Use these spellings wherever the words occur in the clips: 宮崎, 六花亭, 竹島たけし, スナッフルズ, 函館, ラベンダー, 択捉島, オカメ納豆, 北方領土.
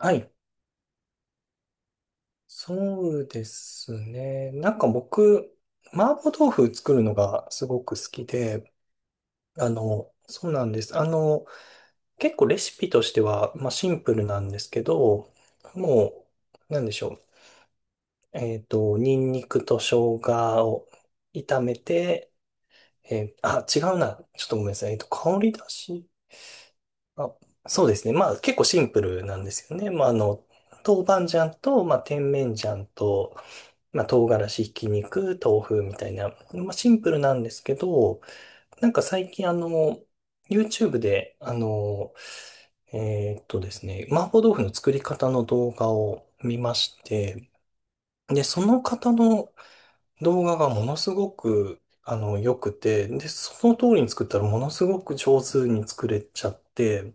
はい。そうですね。僕、麻婆豆腐作るのがすごく好きで、そうなんです。結構レシピとしては、まあシンプルなんですけど、もう、なんでしょう。ニンニクと生姜を炒めて、違うな。ちょっとごめんなさい。香り出し。あ、そうですね。まあ結構シンプルなんですよね。まあの、豆板醤と、まあ、甜麺醤と、まあ、唐辛子、ひき肉、豆腐みたいな、まあ、シンプルなんですけど、最近YouTube で、ですね、麻婆豆腐の作り方の動画を見まして、で、その方の動画がものすごく、良くて、で、その通りに作ったらものすごく上手に作れちゃって、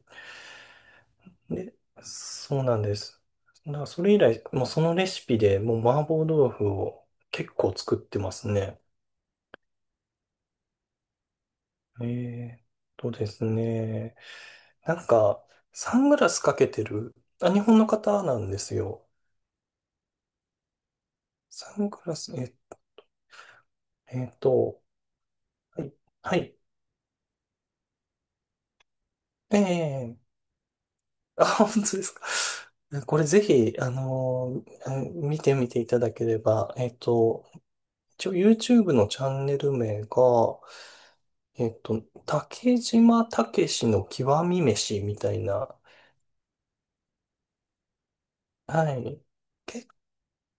で、そうなんです。だからそれ以来、もうそのレシピでもう麻婆豆腐を結構作ってますね。ええとですね。なんか、サングラスかけてる、あ、日本の方なんですよ。サングラス、え、えっと、はい、はい、ええあ、本当ですか。これぜひ、うん見てみていただければ、一応 YouTube のチャンネル名が、えっと、竹島たけしの極み飯みたいな。はい。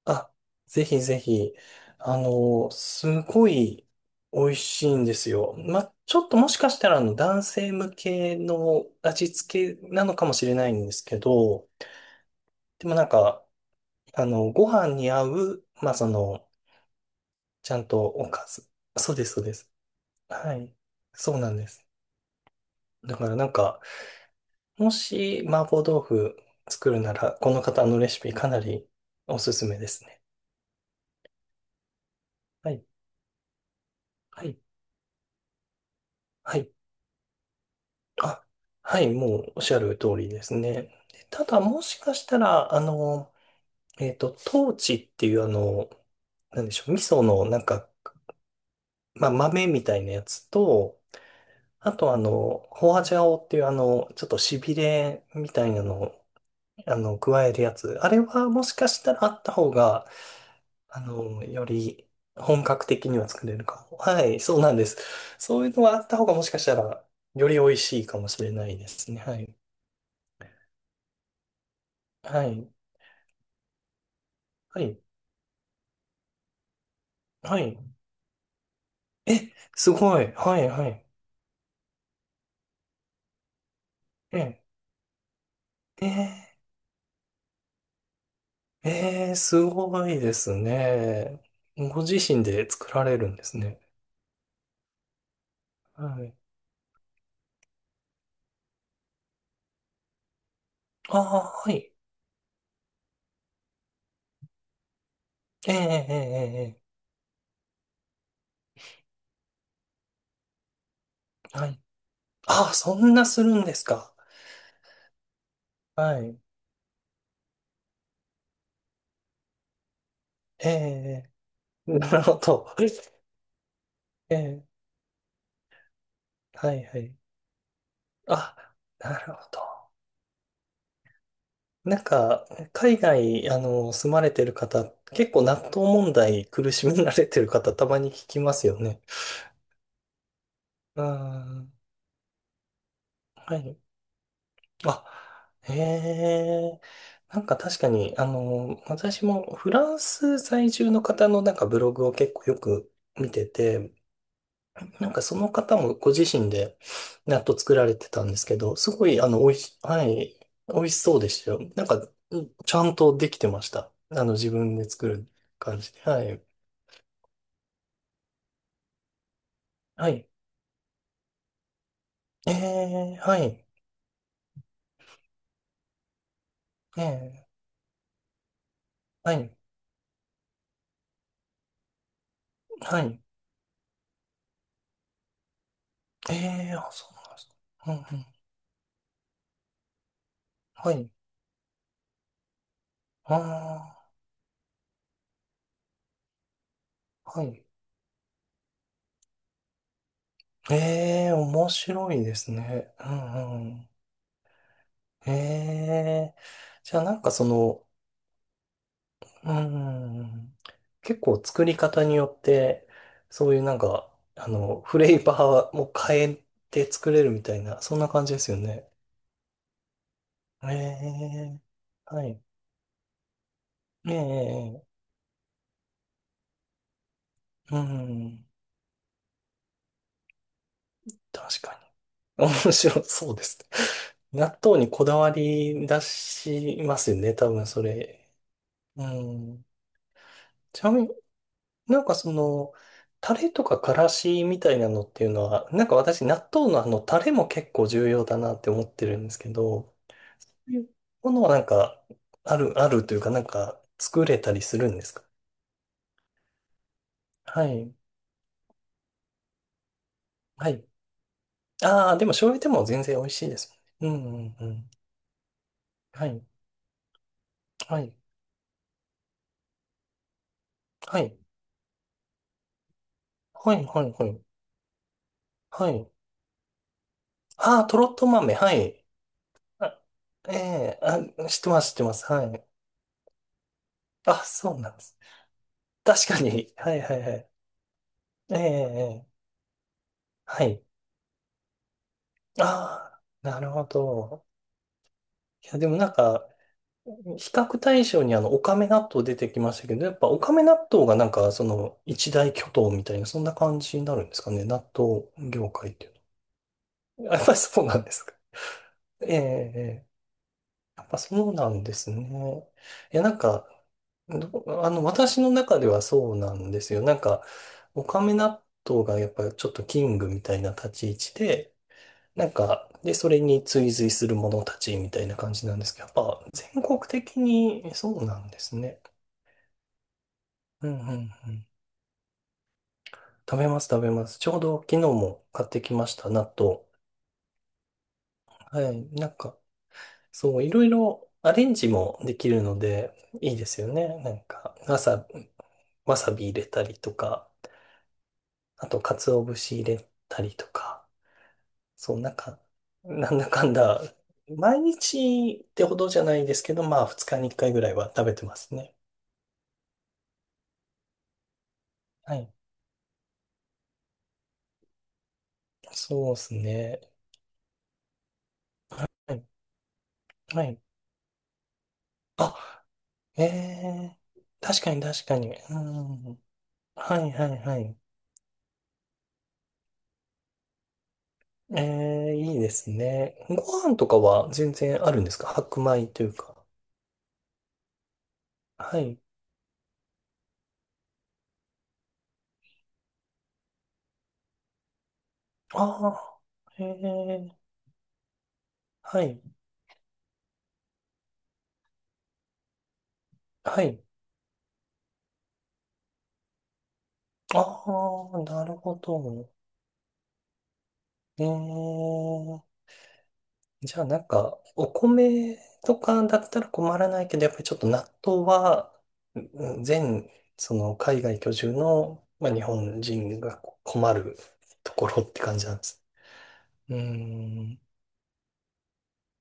あ、ぜひぜひ、すごい美味しいんですよ。ま、ちょっともしかしたら男性向けの味付けなのかもしれないんですけど、でもなんか、ご飯に合う、まあ、その、ちゃんとおかず。そうです、そうです。はい。そうなんです。だからもし麻婆豆腐作るなら、この方のレシピかなりおすすめですね。はい。はい。はい。あ、はい、もうおっしゃる通りですね。でただ、もしかしたら、トーチっていう、なんでしょう、味噌の、なんか、まあ、豆みたいなやつと、あと、ホアジャオっていう、ちょっとしびれみたいなのを、加えるやつ。あれは、もしかしたらあった方が、より本格的には作れるかも。はい、そうなんです。そういうのがあった方が、もしかしたら、より美味しいかもしれないですね。はい。はい。はい。はい。え、すごい。はい、はい。え、えすごいですね。ご自身で作られるんですね。はい。ああ、はい。えー、えー、えはい。ああ、そんなするんですか。はい。ええ なるほど。ええはい、はい。あ、なるほど。なんか、海外、住まれてる方、結構納豆問題苦しめられてる方、たまに聞きますよね。ああ、はい。あ、へえ。なんか確かに、私もフランス在住の方のなんかブログを結構よく見てて、なんかその方もご自身で納豆作られてたんですけど、すごい、おいし、はい、美味しそうでしたよ。なんか、うんちゃんとできてました。自分で作る感じで。はい。はい。ええ、はい。ええ、はい。はい。ええ、あ、そうなんですか。うんうん。はい。ああ、はい。ええ、面白いですね。うんうん。ええ、じゃあなんかその、うん、結構作り方によって、そういうなんか、フレーバーも変えて作れるみたいな、そんな感じですよね。ええ、はい。ええ、うん、確かに。面白そうですね。納豆にこだわり出しますよね、多分それ。うん。ちなみになんかその、タレとかからしみたいなのっていうのは、なんか私、納豆のタレも結構重要だなって思ってるんですけど、そういうものはなんか、あるというか、なんか、作れたりするんですか？はい。はい。ああ、でも醤油でも全然美味しいですもんね。うんうんうん。はい。はい。はい。はい、はい、はい。はい。ああ、とろっと豆。はい。あ、ええあ、知ってます、知ってます。はい。あ、そうなんです。確かに。はい、はい、はい。ええええはい。ああ、なるほど。いや、でもなんか、比較対象にオカメ納豆出てきましたけど、やっぱオカメ納豆がなんか、その、一大巨頭みたいな、そんな感じになるんですかね。納豆業界っていうのは。やっぱりそうなんですか。ええ、ええやっぱそうなんですね。いや、なんか、ど私の中ではそうなんですよ。なんか、オカメ納豆がやっぱりちょっとキングみたいな立ち位置で、なんか、で、それに追随する者たちみたいな感じなんですけど、やっぱ全国的にそうなんですね。うんうんうん。食べます食べます。ちょうど昨日も買ってきました、納豆。はい。なんか、そう、いろいろアレンジもできるので、いいですよね。なんか、わさび入れたりとか、あと、鰹節入れたりとか、そう、なんか、なんだかんだ、毎日ってほどじゃないですけど、まあ、2日に1回ぐらいは食べてますね。はい。そうですね。はい。はい。あ、ええ確かに確かに。うん。はいはいはい。ええいいですね。ご飯とかは全然あるんですか？白米というか。はい。ああ、ええはい。はい。ああ、なるほど。ええじゃあなんか、お米とかだったら困らないけど、やっぱりちょっと納豆は、うん全、その海外居住の、まあ、日本人が困るところって感じなんです。うーん。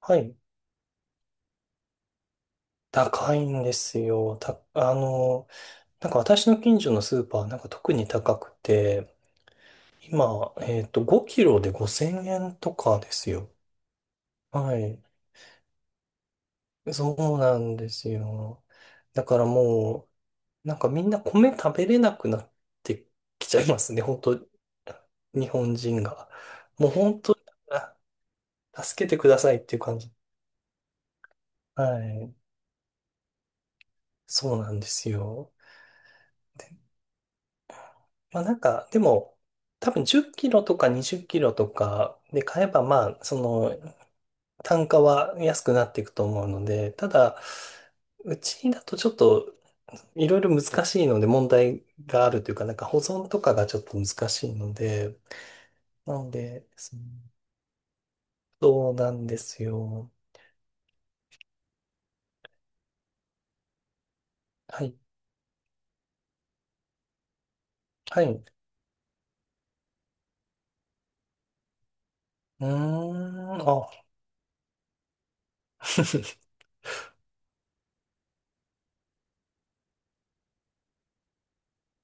はい。高いんですよ。た、なんか私の近所のスーパーなんか特に高くて、今、5キロで5000円とかですよ。はい。そうなんですよ。だからもう、なんかみんな米食べれなくなってきちゃいますね、本当日本人が。もう本当、あ助けてくださいっていう感じ。はい。そうなんですよ。で、まあなんか、でも、多分10キロとか20キロとかで買えば、まあ、その、単価は安くなっていくと思うので、ただ、うちだとちょっと、いろいろ難しいので、問題があるというか、なんか保存とかがちょっと難しいので、なので、そのそうなんですよ。はい。はい。うーん、あ。